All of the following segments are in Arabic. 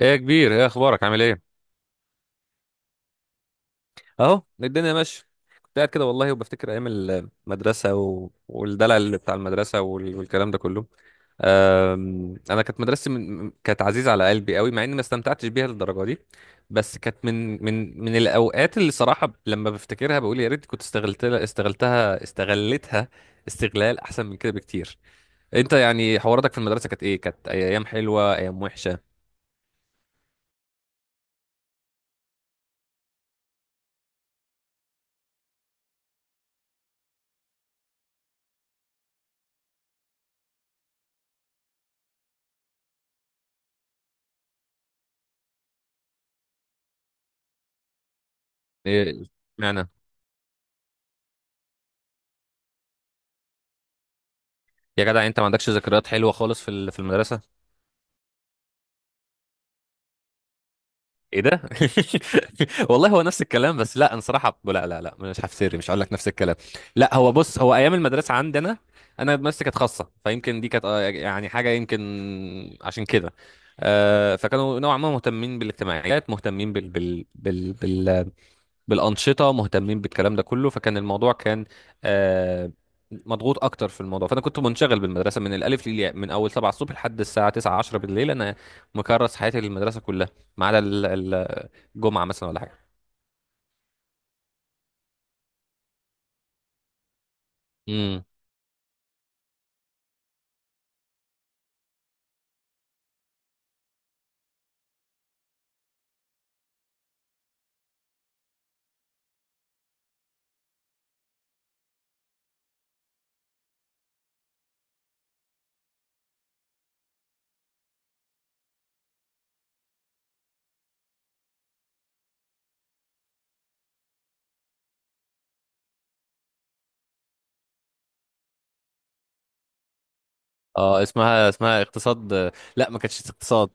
ايه يا كبير، ايه اخبارك؟ عامل ايه؟ اهو الدنيا ماشيه. كنت قاعد كده والله وبفتكر ايام المدرسه والدلع اللي بتاع المدرسه والكلام ده كله. انا كانت مدرستي كانت عزيزه على قلبي قوي مع اني ما استمتعتش بيها للدرجه دي. بس كانت من الاوقات اللي صراحه لما بفتكرها بقول يا ريت كنت استغلتها استغلال احسن من كده بكتير. انت يعني حواراتك في المدرسه كانت ايه؟ كانت ايام حلوه ايام وحشه؟ ايه معنى؟ يا جدع، انت ما عندكش ذكريات حلوه خالص في المدرسه؟ ايه ده؟ والله هو نفس الكلام، بس لا، انا صراحه لا لا لا، مش هفتري، مش هقول لك نفس الكلام. لا، هو بص، هو ايام المدرسه عندنا، انا مدرستي كانت خاصه، فيمكن دي كانت اه، يعني حاجه يمكن عشان كده. آه، فكانوا نوعا ما مهتمين بالاجتماعيات، مهتمين بالانشطه، مهتمين بالكلام ده كله. فكان الموضوع كان آه، مضغوط اكتر في الموضوع. فانا كنت منشغل بالمدرسه من الالف للياء، من اول 7 الصبح لحد الساعه 9 10 بالليل. انا مكرس حياتي للمدرسه كلها، ما عدا الجمعه مثلا ولا حاجه. امم، اه اسمها اقتصاد. آه، لا، ما كانتش اقتصاد.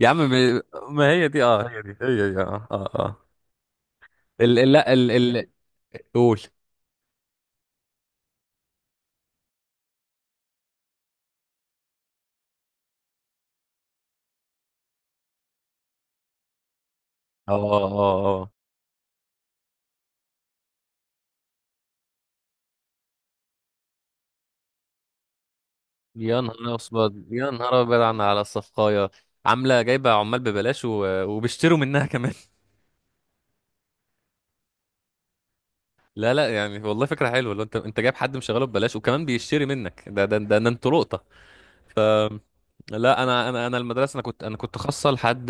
يا عم، ما هي دي، اه هي دي هي، هي اه اه اه. ال ال- لا ال ال قول. اه اه اه، آه. يا نهار أسود، يا نهار أبيض، على الصفقاية، عاملة جايبة عمال ببلاش وبيشتروا منها كمان. لا لا، يعني والله فكرة حلوة. لو انت جايب حد مشغله ببلاش وكمان بيشتري منك، ده انتوا لقطة. أم، لا، انا المدرسة، انا كنت خاصة لحد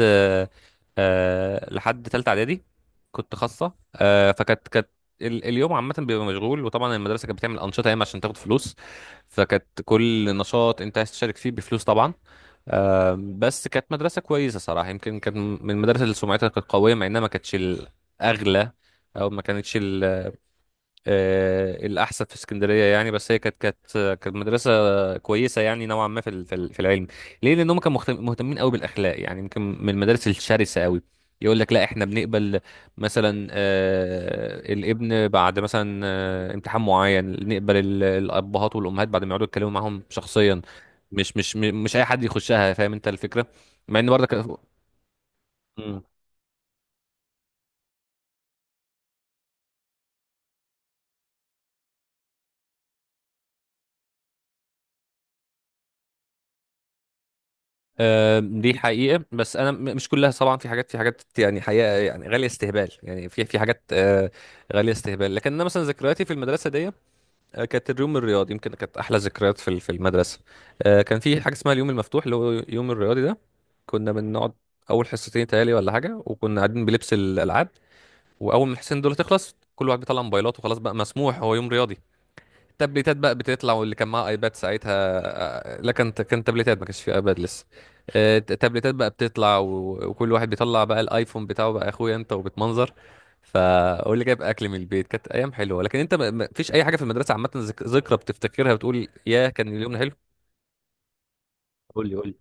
آه لحد تالتة اعدادي. كنت خاصة آه، فكانت اليوم عامة بيبقى مشغول، وطبعا المدرسة كانت بتعمل أنشطة ياما عشان تاخد فلوس، فكانت كل نشاط أنت عايز تشارك فيه بفلوس طبعا. آم، بس كانت مدرسة كويسة صراحة، يمكن كانت من المدارس اللي سمعتها كانت قوية مع انها ما كانتش الأغلى او ما كانتش آه، الاحسن في اسكندريه يعني. بس هي كانت كانت مدرسه كويسه يعني نوعا ما في العلم. ليه؟ لان هم كانوا مهتمين قوي بالاخلاق، يعني يمكن من المدارس الشرسه قوي. يقول لك لا، احنا بنقبل مثلا آه، الابن بعد مثلا آه، امتحان معين، نقبل الابهات والامهات بعد ما يقعدوا يتكلموا معاهم شخصيا. مش اي حد يخشها، فاهم انت الفكره؟ مع ان برضك آه، دي حقيقة. بس أنا مش كلها طبعا، في حاجات، يعني حقيقة يعني غالية استهبال، يعني في في حاجات آه، غالية استهبال. لكن أنا مثلا ذكرياتي في المدرسة دي آه، كانت اليوم الرياضي يمكن كانت أحلى ذكريات في المدرسة. آه، كان في حاجة اسمها اليوم المفتوح، اللي هو يوم الرياضي ده. كنا بنقعد أول حصتين تهيألي ولا حاجة، وكنا قاعدين بلبس الألعاب. وأول ما الحصتين دول تخلص، كل واحد بيطلع موبايلاته، خلاص بقى مسموح، هو يوم رياضي. تابلتات بقى بتطلع، واللي كان معاه ايباد ساعتها. آه، لا، كان تابلتات، ما كانش فيه ايباد لسه. آه، تابلتات بقى بتطلع وكل واحد بيطلع بقى الايفون بتاعه بقى، اخويا انت وبتمنظر. فقول لي جايب اكل من البيت. كانت ايام حلوه. لكن انت، ما فيش اي حاجه في المدرسه عامه، ذكرى بتفتكرها بتقول يا كان اليوم ده حلو؟ قول لي.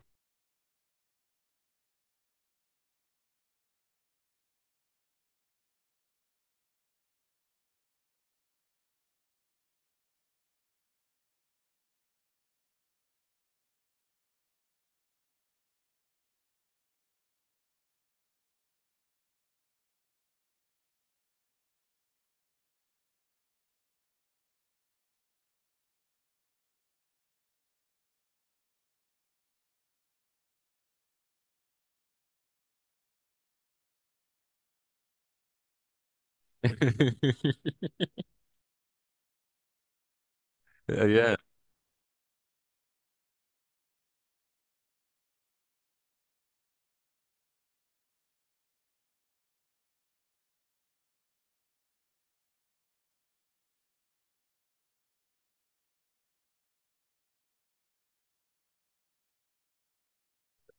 يا،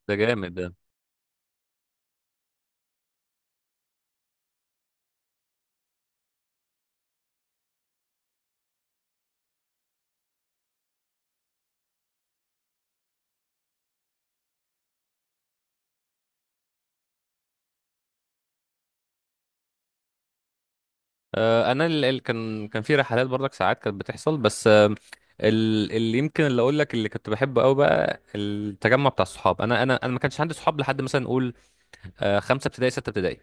ده جامد ده. آه، انا اللي كان في رحلات برضك ساعات كانت بتحصل، بس آه، اللي اقول لك اللي كنت بحبه قوي بقى التجمع بتاع الصحاب. انا ما كانش عندي صحاب لحد مثلا نقول آه، خمسه ابتدائي سته ابتدائي.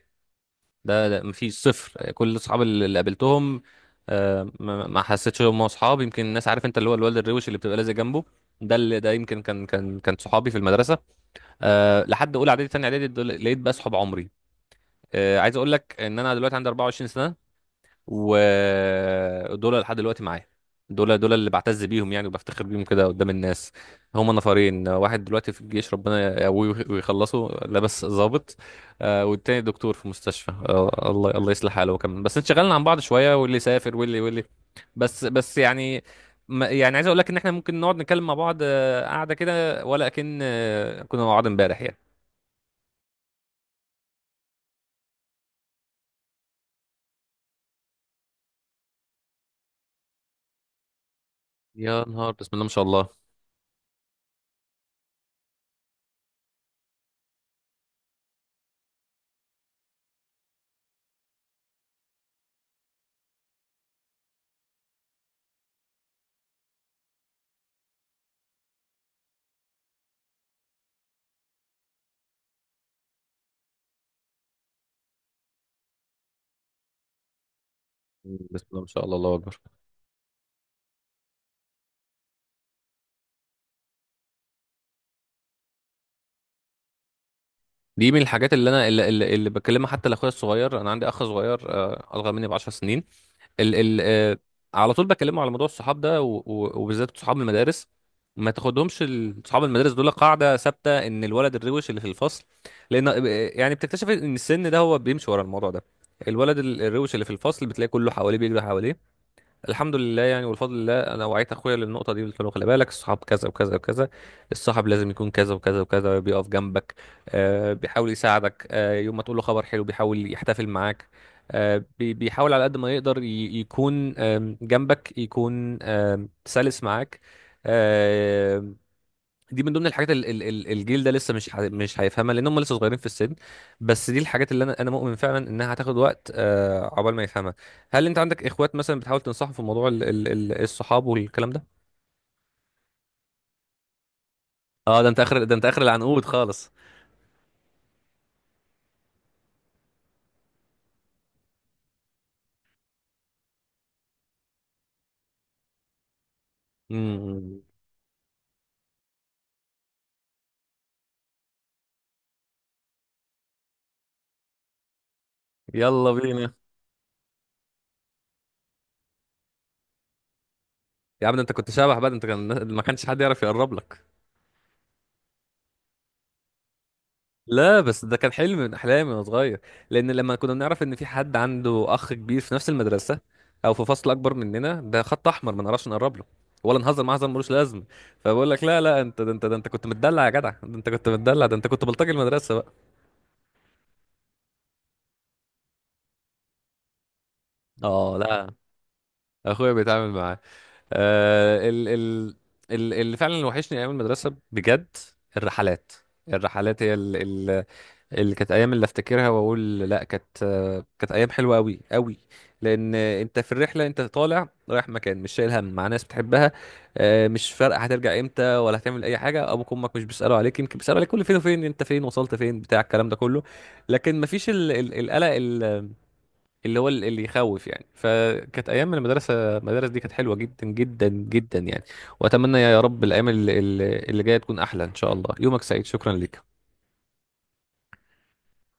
ده, ده مفيش صفر. كل الصحاب اللي قابلتهم آه، ما حسيتش ان هم اصحاب. يمكن الناس، عارف انت، اللي هو الولد الروش اللي بتبقى لازق جنبه، ده اللي ده يمكن كان صحابي في المدرسه. أه لحد اولى اعدادي ثانيه اعدادي لقيت بقى صحاب عمري. أه، عايز اقول لك ان انا دلوقتي عندي 24 سنه، ودول لحد دلوقتي معايا. دول اللي بعتز بيهم يعني وبفتخر بيهم كده قدام الناس. هما نفرين، واحد دلوقتي في الجيش، ربنا يقويه ويخلصه لابس ضابط آه، والتاني دكتور في مستشفى آه، الله، الله يصلح حاله هو كمان. بس انشغلنا عن بعض شوية، واللي سافر واللي بس، يعني يعني عايز اقول لك ان احنا ممكن نقعد نتكلم مع بعض آه، قعدة كده ولا كأن آه، كنا مع بعض امبارح يعني. يا نهار، بسم الله ما شاء الله. بسم الله ما شاء الله، الله اكبر. دي من الحاجات اللي انا اللي بكلمها حتى لاخويا الصغير، انا عندي اخ صغير آه، اصغر مني ب 10 سنين. ال ال آه، على طول بكلمه على موضوع الصحاب ده، وبالذات صحاب المدارس. ما تاخدهمش صحاب المدارس دول قاعده ثابته ان الولد الروش اللي في الفصل. لان آه، يعني بتكتشف ان السن ده هو بيمشي ورا الموضوع ده. الولد الروش اللي في الفصل بتلاقي كله حواليه، بيجري حواليه. الحمد لله يعني، والفضل لله، انا وعيت اخويا للنقطه دي، قلت له خلي بالك، الصحاب كذا وكذا وكذا، الصاحب لازم يكون كذا وكذا وكذا، بيقف جنبك آه، بيحاول يساعدك آه، يوم ما تقول له خبر حلو بيحاول يحتفل معاك آه، بيحاول على قد ما يقدر يكون آم، جنبك، يكون آم، سلس معاك. دي من ضمن الحاجات الجيل ده لسه مش هيفهمها لان هم لسه صغيرين في السن. بس دي الحاجات اللي انا مؤمن فعلا انها هتاخد وقت آه، عقبال ما يفهمها. هل انت عندك اخوات مثلا بتحاول تنصحهم في موضوع الصحاب والكلام ده؟ اه ده انت اخر، ده انت اخر العنقود خالص. امم. يلا بينا. يا عم، ده انت كنت شبح بقى، ده انت كان ما كانش حد يعرف يقرب لك. لا، بس ده كان حلم من احلامي وانا صغير. لان لما كنا بنعرف ان في حد عنده اخ كبير في نفس المدرسه او في فصل اكبر مننا، ده خط احمر، ما نعرفش نقرب له ولا نهزر معاه هزار ملوش لازمه. فبقول لك لا لا، انت ده، انت ده، انت كنت متدلع يا جدع، ده انت كنت متدلع، ده انت كنت بلطجي المدرسه بقى. اه، لا، اخويا بيتعامل معاه. آه ال ال ال اللي فعلا اللي وحشني ايام المدرسه بجد الرحلات. هي اللي كانت ايام اللي افتكرها واقول لا، كانت ايام حلوه قوي قوي. لان انت في الرحله، انت طالع رايح مكان، مش شايل هم، مع ناس بتحبها آه، مش فارقه هترجع امتى ولا هتعمل اي حاجه، ابوك وامك مش بيسالوا عليك، يمكن بيسالوا عليك كل فين وفين، انت فين وصلت فين بتاع الكلام ده كله. لكن مفيش القلق اللي هو اللي يخوف يعني. فكانت ايام من المدرسه، المدارس دي كانت حلوه جدا جدا جدا يعني. واتمنى يا رب الايام اللي جايه تكون احلى ان شاء الله. يومك سعيد، شكرا لك.